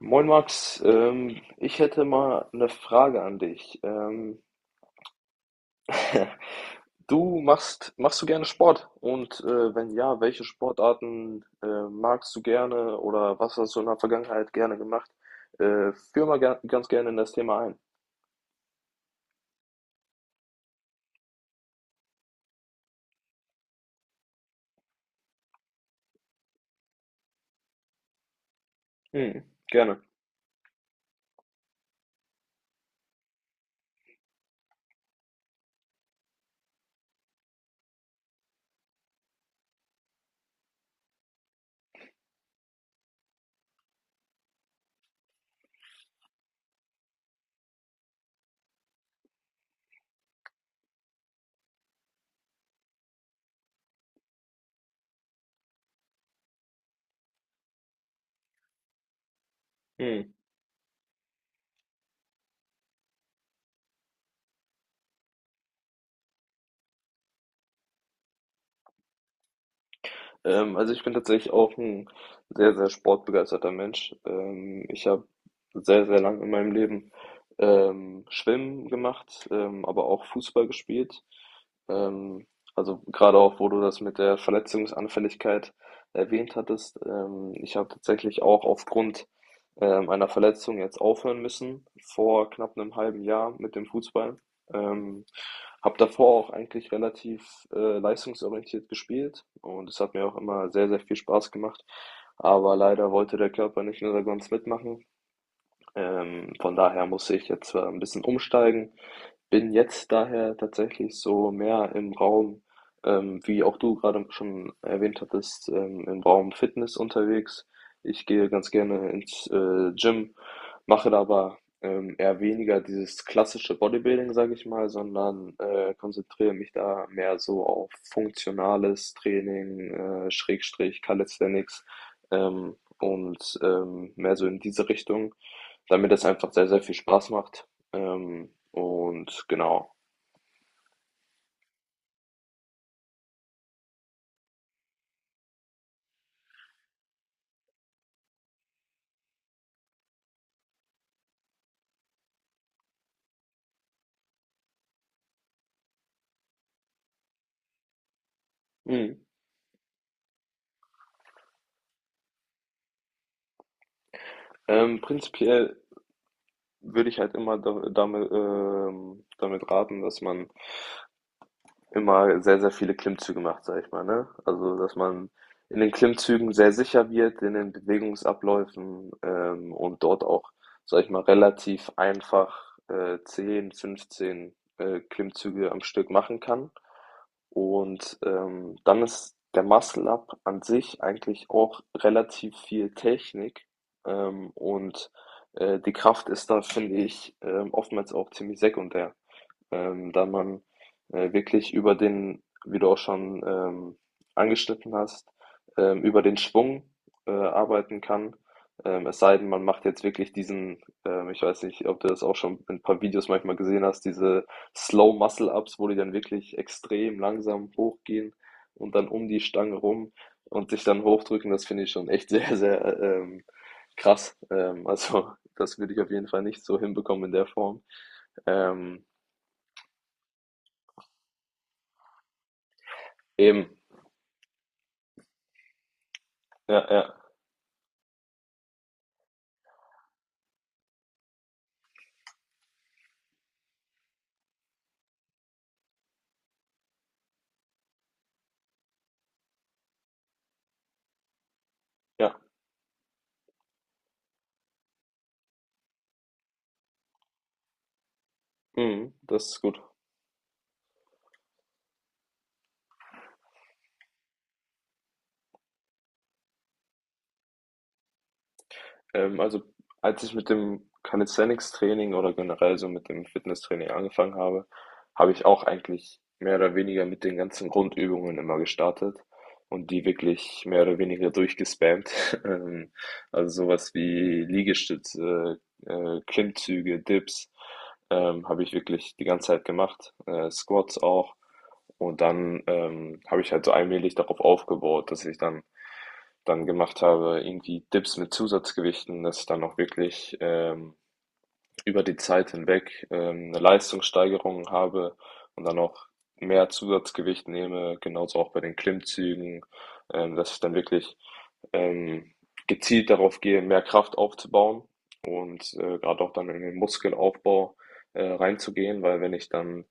Moin Max, ich hätte mal eine Frage an dich. Machst du gerne Sport? Und wenn ja, welche Sportarten magst du gerne oder was hast du in der Vergangenheit gerne gemacht? Führ mal ger ganz gerne in das Thema ein. Hm, gerne. Also ich bin tatsächlich auch ein sehr, sehr sportbegeisterter Mensch. Ich habe sehr, sehr lang in meinem Leben Schwimmen gemacht, aber auch Fußball gespielt. Ähm, also gerade auch, wo du das mit der Verletzungsanfälligkeit erwähnt hattest. Ich habe tatsächlich auch aufgrund einer Verletzung jetzt aufhören müssen, vor knapp einem halben Jahr mit dem Fußball. Ähm, Habe davor auch eigentlich relativ leistungsorientiert gespielt und es hat mir auch immer sehr, sehr viel Spaß gemacht. Aber leider wollte der Körper nicht in der Konstanz mitmachen, von daher muss ich jetzt ein bisschen umsteigen. Bin jetzt daher tatsächlich so mehr im Raum, wie auch du gerade schon erwähnt hattest, im Raum Fitness unterwegs. Ich gehe ganz gerne ins Gym, mache da aber eher weniger dieses klassische Bodybuilding, sage ich mal, sondern konzentriere mich da mehr so auf funktionales Training, Schrägstrich Calisthenics mehr so in diese Richtung, weil mir das einfach sehr, sehr viel Spaß macht. Und genau. Mhm. Prinzipiell würde ich halt immer damit raten, dass man immer sehr, sehr viele Klimmzüge macht, sag ich mal, ne? Also, dass man in den Klimmzügen sehr sicher wird, in den Bewegungsabläufen, und dort auch, sag ich mal, relativ einfach 10, 15 Klimmzüge am Stück machen kann. Und dann ist der Muscle Up an sich eigentlich auch relativ viel Technik ähm, und die Kraft ist da, finde ich, oftmals auch ziemlich sekundär, da man wirklich über den, wie du auch schon angeschnitten hast, über den Schwung arbeiten kann. Es sei denn, man macht jetzt wirklich diesen, ich weiß nicht, ob du das auch schon in ein paar Videos manchmal gesehen hast, diese Slow Muscle Ups, wo die dann wirklich extrem langsam hochgehen und dann um die Stange rum und sich dann hochdrücken. Das finde ich schon echt sehr, sehr krass. Also das würde ich auf jeden Fall nicht so hinbekommen in der Form. Ähm, eben, ja, ja, ja. Mhm, das ist gut. Also als ich mit dem Calisthenics-Training oder generell so mit dem Fitnesstraining angefangen habe, habe ich auch eigentlich mehr oder weniger mit den ganzen Grundübungen immer gestartet und die wirklich mehr oder weniger durchgespammt. Ähm, also sowas wie Liegestütze, Klimmzüge, Dips, habe ich wirklich die ganze Zeit gemacht. Squats auch. Und dann, habe ich halt so allmählich darauf aufgebaut, dass ich dann gemacht habe, irgendwie Dips mit Zusatzgewichten, dass ich dann auch wirklich über die Zeit hinweg eine Leistungssteigerung habe und dann auch mehr Zusatzgewicht nehme, genauso auch bei den Klimmzügen, dass ich dann wirklich ähm, gezielt darauf gehe, mehr Kraft aufzubauen und gerade auch dann in den Muskelaufbau reinzugehen, weil wenn ich dann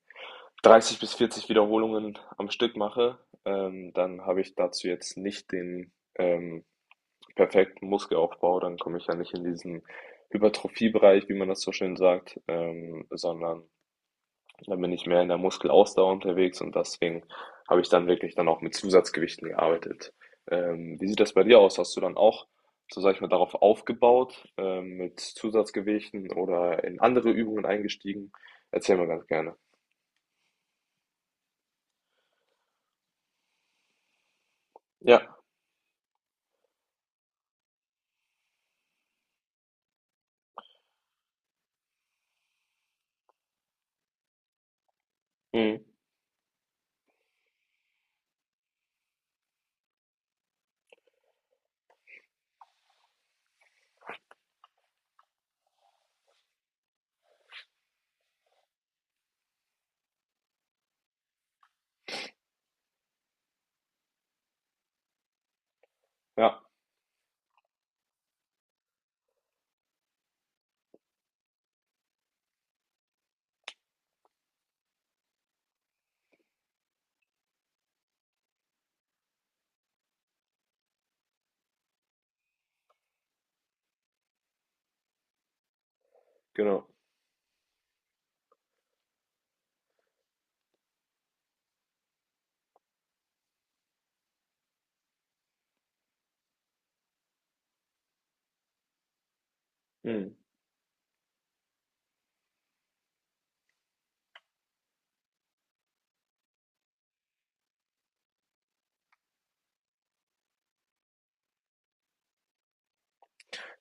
30 bis 40 Wiederholungen am Stück mache, dann habe ich dazu jetzt nicht den perfekten Muskelaufbau, dann komme ich ja nicht in diesen Hypertrophie-Bereich, wie man das so schön sagt, sondern dann bin ich mehr in der Muskelausdauer unterwegs und deswegen habe ich dann wirklich dann auch mit Zusatzgewichten gearbeitet. Wie sieht das bei dir aus? Hast du dann auch, so sag ich mal, darauf aufgebaut, mit Zusatzgewichten oder in andere Übungen eingestiegen? Erzähl mal ganz gerne. Ja, mhm. Ja. Genau. Mhm.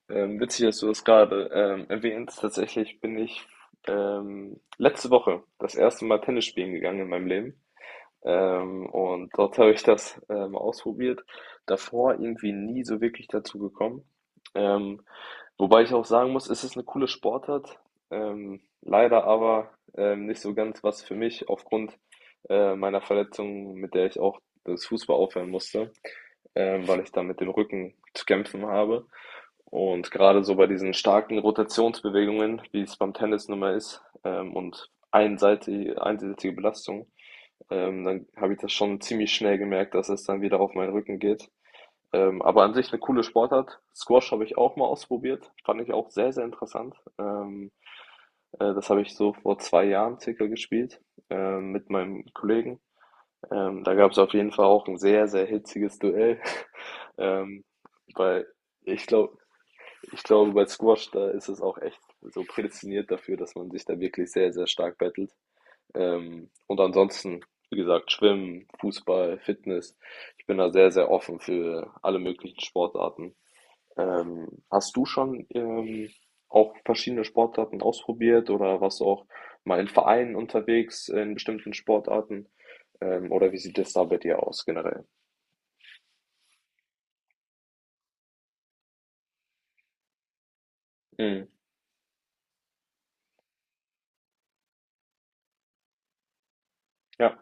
Witzig, dass du das gerade erwähnst. Tatsächlich bin ich letzte Woche das erste Mal Tennis spielen gegangen in meinem Leben. Und dort habe ich das ausprobiert. Davor irgendwie nie so wirklich dazu gekommen. Ähm, Wobei ich auch sagen muss, es ist eine coole Sportart. Leider aber nicht so ganz was für mich aufgrund meiner Verletzung, mit der ich auch das Fußball aufhören musste, weil ich da mit dem Rücken zu kämpfen habe. Und gerade so bei diesen starken Rotationsbewegungen, wie es beim Tennis nun mal ist, einseitige Belastung, dann habe ich das schon ziemlich schnell gemerkt, dass es dann wieder auf meinen Rücken geht. Aber an sich eine coole Sportart. Squash habe ich auch mal ausprobiert, fand ich auch sehr, sehr interessant. Das habe ich so vor zwei Jahren circa gespielt, mit meinem Kollegen. Da gab es auf jeden Fall auch ein sehr, sehr hitziges Duell, ähm, weil ich glaube ich glaube, bei Squash, da ist es auch echt so prädestiniert dafür, dass man sich da wirklich sehr, sehr stark battelt. Und ansonsten, wie gesagt, Schwimmen, Fußball, Fitness. Ich bin da sehr, sehr offen für alle möglichen Sportarten. Hast du schon, auch verschiedene Sportarten ausprobiert oder warst du auch mal in Vereinen unterwegs in bestimmten Sportarten? Oder wie sieht das da bei dir aus generell? Mhm. Ja,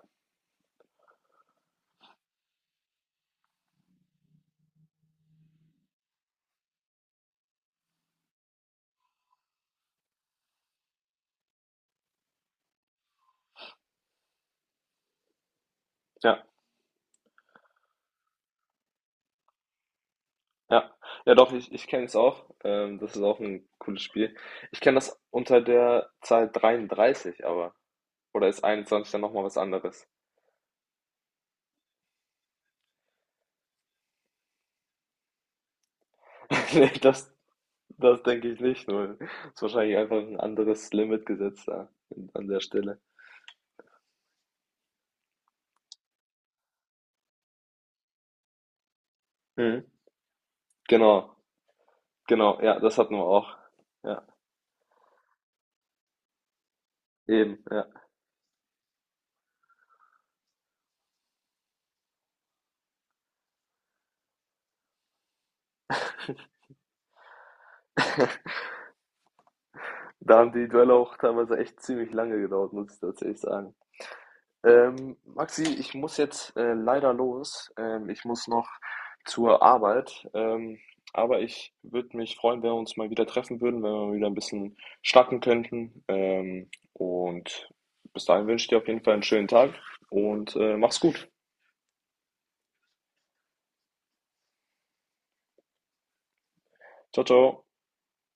ja, ja. Ja, doch, ich kenne es auch. Das ist auch ein cooles Spiel. Ich kenne das unter der Zahl 33, aber. Oder ist 21 dann nochmal was anderes? Nee, das denke ich nicht. Nur ist wahrscheinlich einfach ein anderes Limit gesetzt da an der Stelle. Mhm. Genau, genau. Ja, das hatten wir auch. Ja, eben. Ja. Da haben die Duelle auch teilweise echt ziemlich lange gedauert, muss ich tatsächlich sagen. Maxi, ich muss jetzt leider los. Ich muss noch zur Arbeit. Aber ich würde mich freuen, wenn wir uns mal wieder treffen würden, wenn wir wieder ein bisschen schnacken könnten. Und bis dahin wünsche ich dir auf jeden Fall einen schönen Tag und mach's gut. Ciao, ciao.